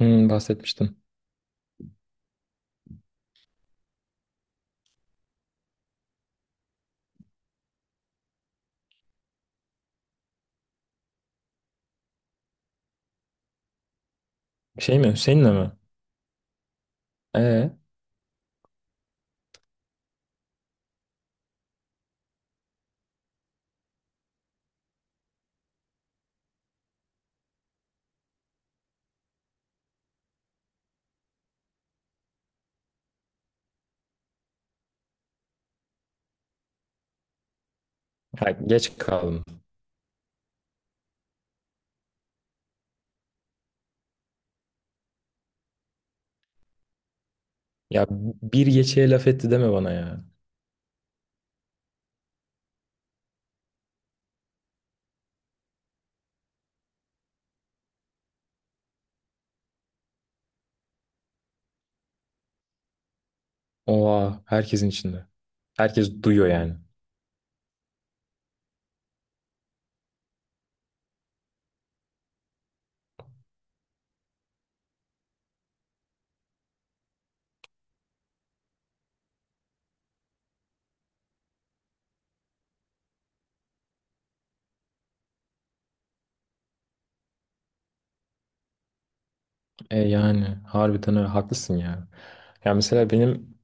Hmm, bahsetmiştim. Şey mi? Hüseyin'le mi? Ee, ha, geç kaldım. Ya bir geçeye laf etti deme bana ya. Oha herkesin içinde. Herkes duyuyor yani. E yani harbiden öyle haklısın ya. Ya mesela benim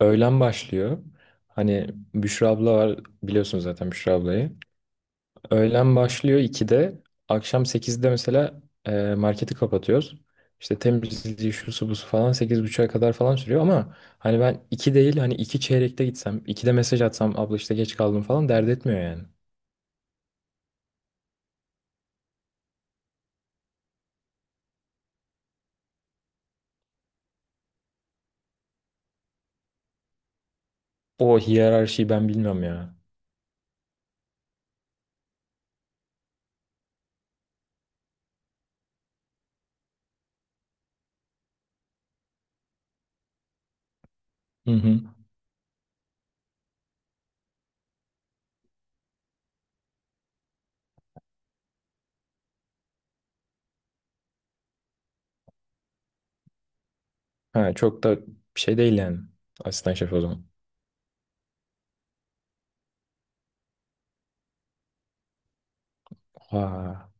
öğlen başlıyor. Hani Büşra abla var, biliyorsunuz zaten Büşra ablayı. Öğlen başlıyor 2'de. Akşam 8'de mesela marketi kapatıyoruz. İşte temizliği şusu busu falan 8.30'a kadar falan sürüyor, ama hani ben 2 değil, hani 2 çeyrekte gitsem, 2'de mesaj atsam abla işte geç kaldım falan dert etmiyor yani. O hiyerarşiyi ben bilmiyorum ya. Hı hı. Ha, çok da bir şey değil yani. Asistan şef o zaman. Ha,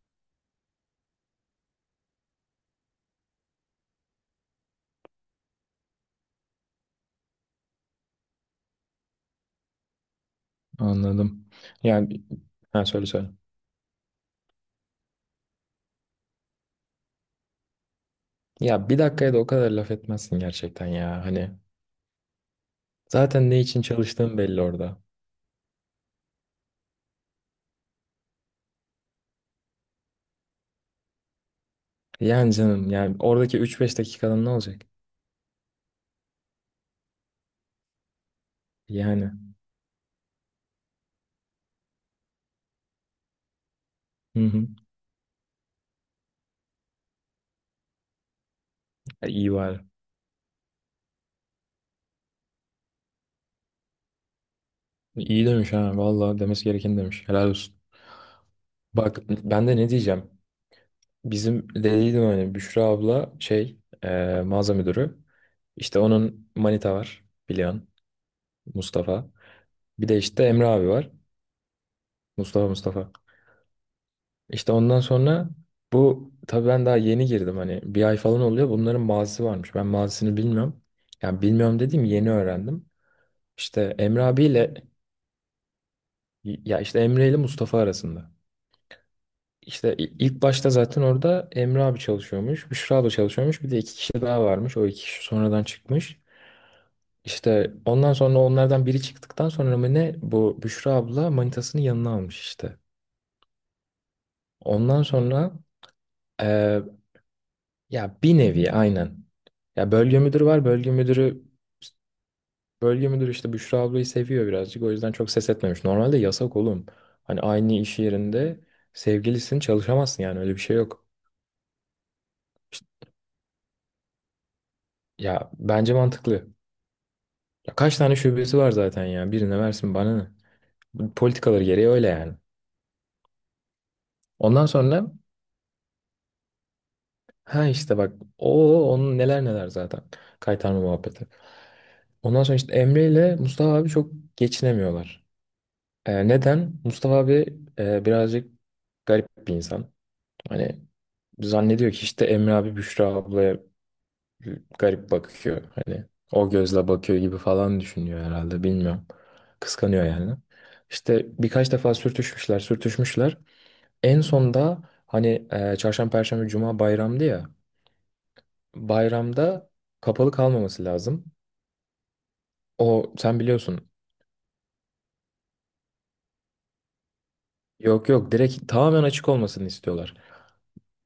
anladım. Yani ha, söyle söyle. Ya bir dakikaya da o kadar laf etmezsin gerçekten ya. Hani zaten ne için çalıştığın belli orada. Yani canım, yani oradaki üç beş dakikanın ne olacak? Yani. Hı hı. E, İyi var. İyi demiş, ha, valla demesi gerekeni demiş. Helal olsun. Bak ben de ne diyeceğim. Bizim dediydim hani, Büşra abla şey mağaza müdürü. İşte onun manita var, biliyorsun, Mustafa. Bir de işte Emre abi var. Mustafa, Mustafa. İşte ondan sonra, bu tabii ben daha yeni girdim, hani bir ay falan oluyor. Bunların mazisi varmış. Ben mazisini bilmiyorum. Yani bilmiyorum dediğim, yeni öğrendim. İşte Emre abiyle, ya işte Emre ile Mustafa arasında. İşte ilk başta zaten orada Emre abi çalışıyormuş, Büşra abla çalışıyormuş. Bir de iki kişi daha varmış. O iki kişi sonradan çıkmış. İşte ondan sonra onlardan biri çıktıktan sonra mı ne, bu Büşra abla manitasını yanına almış işte. Ondan sonra e, ya bir nevi aynen. Ya bölge müdürü var. Bölge müdürü işte Büşra ablayı seviyor birazcık. O yüzden çok ses etmemiş. Normalde yasak oğlum. Hani aynı iş yerinde sevgilisin, çalışamazsın, yani öyle bir şey yok. İşte- ya bence mantıklı. Ya kaç tane şubesi var zaten ya. Birine versin, bana ne. Bu politikaları gereği öyle yani. Ondan sonra ha işte bak, o onun neler neler zaten. Kaytarma muhabbeti. Ondan sonra işte Emre ile Mustafa abi çok geçinemiyorlar. Neden? Mustafa abi birazcık garip bir insan. Hani zannediyor ki işte Emre abi Büşra ablaya garip bakıyor. Hani o gözle bakıyor gibi falan düşünüyor herhalde, bilmiyorum. Kıskanıyor yani. İşte birkaç defa sürtüşmüşler sürtüşmüşler. En sonda hani çarşamba, perşembe, cuma bayramdı ya. Bayramda kapalı kalmaması lazım. O sen biliyorsun. Yok yok, direkt tamamen açık olmasını istiyorlar.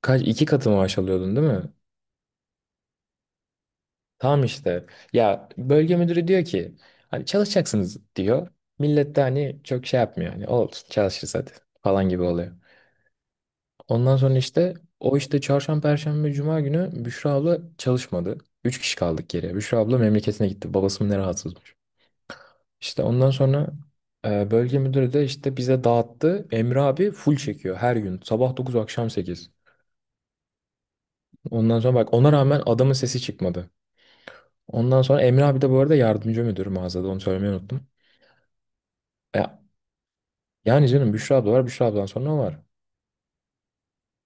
Kaç iki katı maaş alıyordun değil mi? Tamam işte. Ya bölge müdürü diyor ki, hani çalışacaksınız diyor. Millet de hani çok şey yapmıyor. Hani olsun çalışırız hadi falan gibi oluyor. Ondan sonra işte o işte çarşamba, perşembe, cuma günü Büşra abla çalışmadı. Üç kişi kaldık geriye. Büşra abla memleketine gitti. Babası mı ne rahatsızmış. İşte ondan sonra bölge müdürü de işte bize dağıttı. Emre abi full çekiyor her gün. Sabah 9, akşam 8. Ondan sonra, bak, ona rağmen adamın sesi çıkmadı. Ondan sonra Emre abi de, bu arada yardımcı müdür mağazada, onu söylemeyi unuttum. E, Yani canım Büşra abla var. Büşra abladan sonra o var.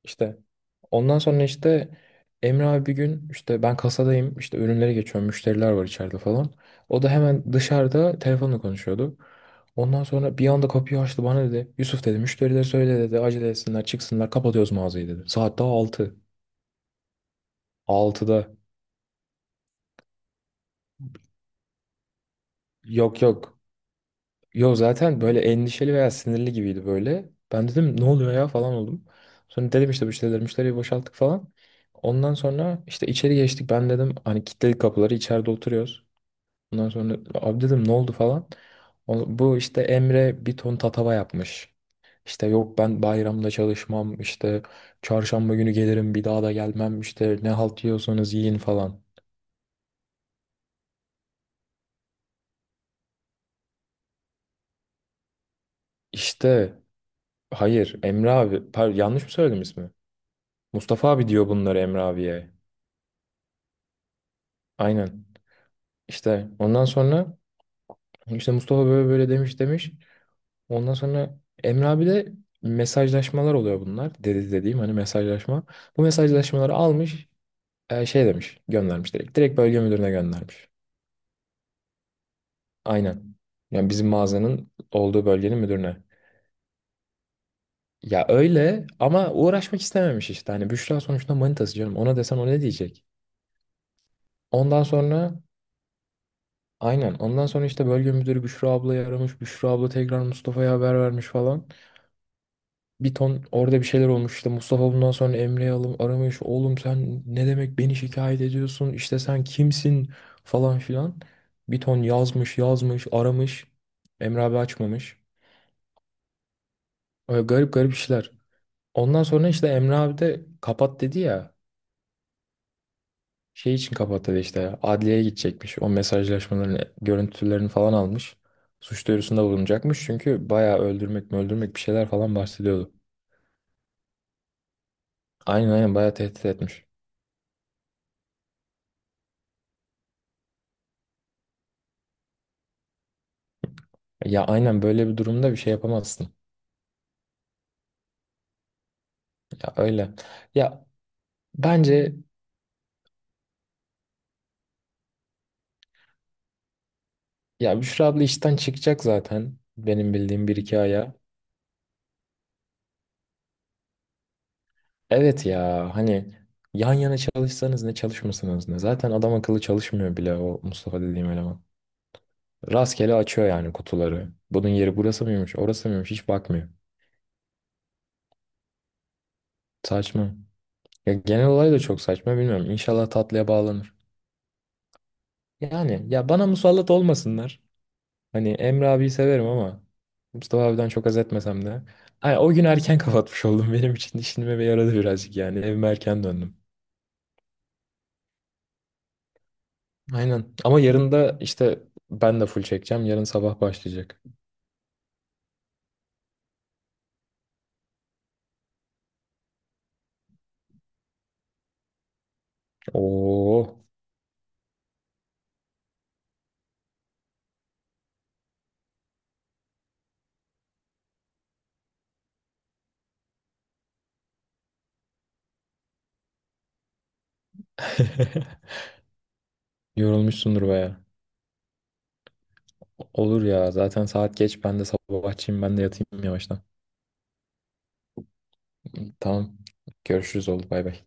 İşte ondan sonra işte Emre abi bir gün, işte ben kasadayım, işte ürünlere geçiyorum. Müşteriler var içeride falan. O da hemen dışarıda telefonla konuşuyordu. Ondan sonra bir anda kapıyı açtı, bana dedi. Yusuf dedi, müşterilere söyle dedi, acele etsinler çıksınlar, kapatıyoruz mağazayı dedi. Saat daha 6 6'da. Yok yok. Yo, zaten böyle endişeli veya sinirli gibiydi böyle. Ben dedim, ne oluyor ya falan oldum. Sonra dedim işte müşteriyi boşalttık falan. Ondan sonra işte içeri geçtik. Ben dedim hani, kilitledik kapıları, içeride oturuyoruz. Ondan sonra, abi dedim, ne oldu falan. Bu işte Emre bir ton tatava yapmış. İşte yok, ben bayramda çalışmam işte, çarşamba günü gelirim, bir daha da gelmem işte, ne halt yiyorsanız yiyin falan. İşte hayır, Emre abi pardon, yanlış mı söyledim ismi? Mustafa abi diyor bunları Emre abiye. Aynen. İşte ondan sonra işte Mustafa böyle böyle demiş demiş. Ondan sonra Emre abi de, mesajlaşmalar oluyor bunlar. Dediğim hani mesajlaşma. Bu mesajlaşmaları almış, şey demiş, göndermiş direkt. Direkt bölge müdürüne göndermiş. Aynen. Yani bizim mağazanın olduğu bölgenin müdürüne. Ya öyle, ama uğraşmak istememiş işte. Hani Büşra sonuçta manitası canım. Ona desen o ne diyecek? Ondan sonra aynen. Ondan sonra işte bölge müdürü Büşra ablayı aramış. Büşra abla tekrar Mustafa'ya haber vermiş falan. Bir ton orada bir şeyler olmuş işte. Mustafa bundan sonra Emre'yi alım aramış, oğlum sen ne demek beni şikayet ediyorsun, İşte sen kimsin falan filan. Bir ton yazmış yazmış, aramış. Emre abi açmamış. Öyle garip garip işler. Ondan sonra işte Emre abi de kapat dedi ya, şey için kapattı işte, adliyeye gidecekmiş, o mesajlaşmaların görüntülerini falan almış, suç duyurusunda bulunacakmış, çünkü bayağı öldürmek mi öldürmek bir şeyler falan bahsediyordu. Aynen, aynen, bayağı tehdit etmiş. Ya aynen, böyle bir durumda bir şey yapamazsın. Ya öyle. Ya bence, ya Büşra abla işten çıkacak zaten. Benim bildiğim bir iki aya. Evet ya, hani yan yana çalışsanız ne, çalışmasanız ne. Zaten adam akıllı çalışmıyor bile, o Mustafa dediğim eleman. Rastgele açıyor yani kutuları. Bunun yeri burası mıymış, orası mıymış hiç bakmıyor. Saçma. Ya genel olay da çok saçma, bilmiyorum. İnşallah tatlıya bağlanır. Yani ya, bana musallat olmasınlar. Hani Emre abiyi severim, ama Mustafa abiden çok haz etmesem de. Ay, o gün erken kapatmış oldum. Benim için işinime yaradı birazcık yani. Evime erken döndüm. Aynen. Ama yarın da işte ben de full çekeceğim. Yarın sabah başlayacak. Oo. Yorulmuşsundur baya. Olur ya. Zaten saat geç. Ben de sabahçıyım. Ben de yatayım yavaştan. Tamam. Görüşürüz oldu. Bay bay.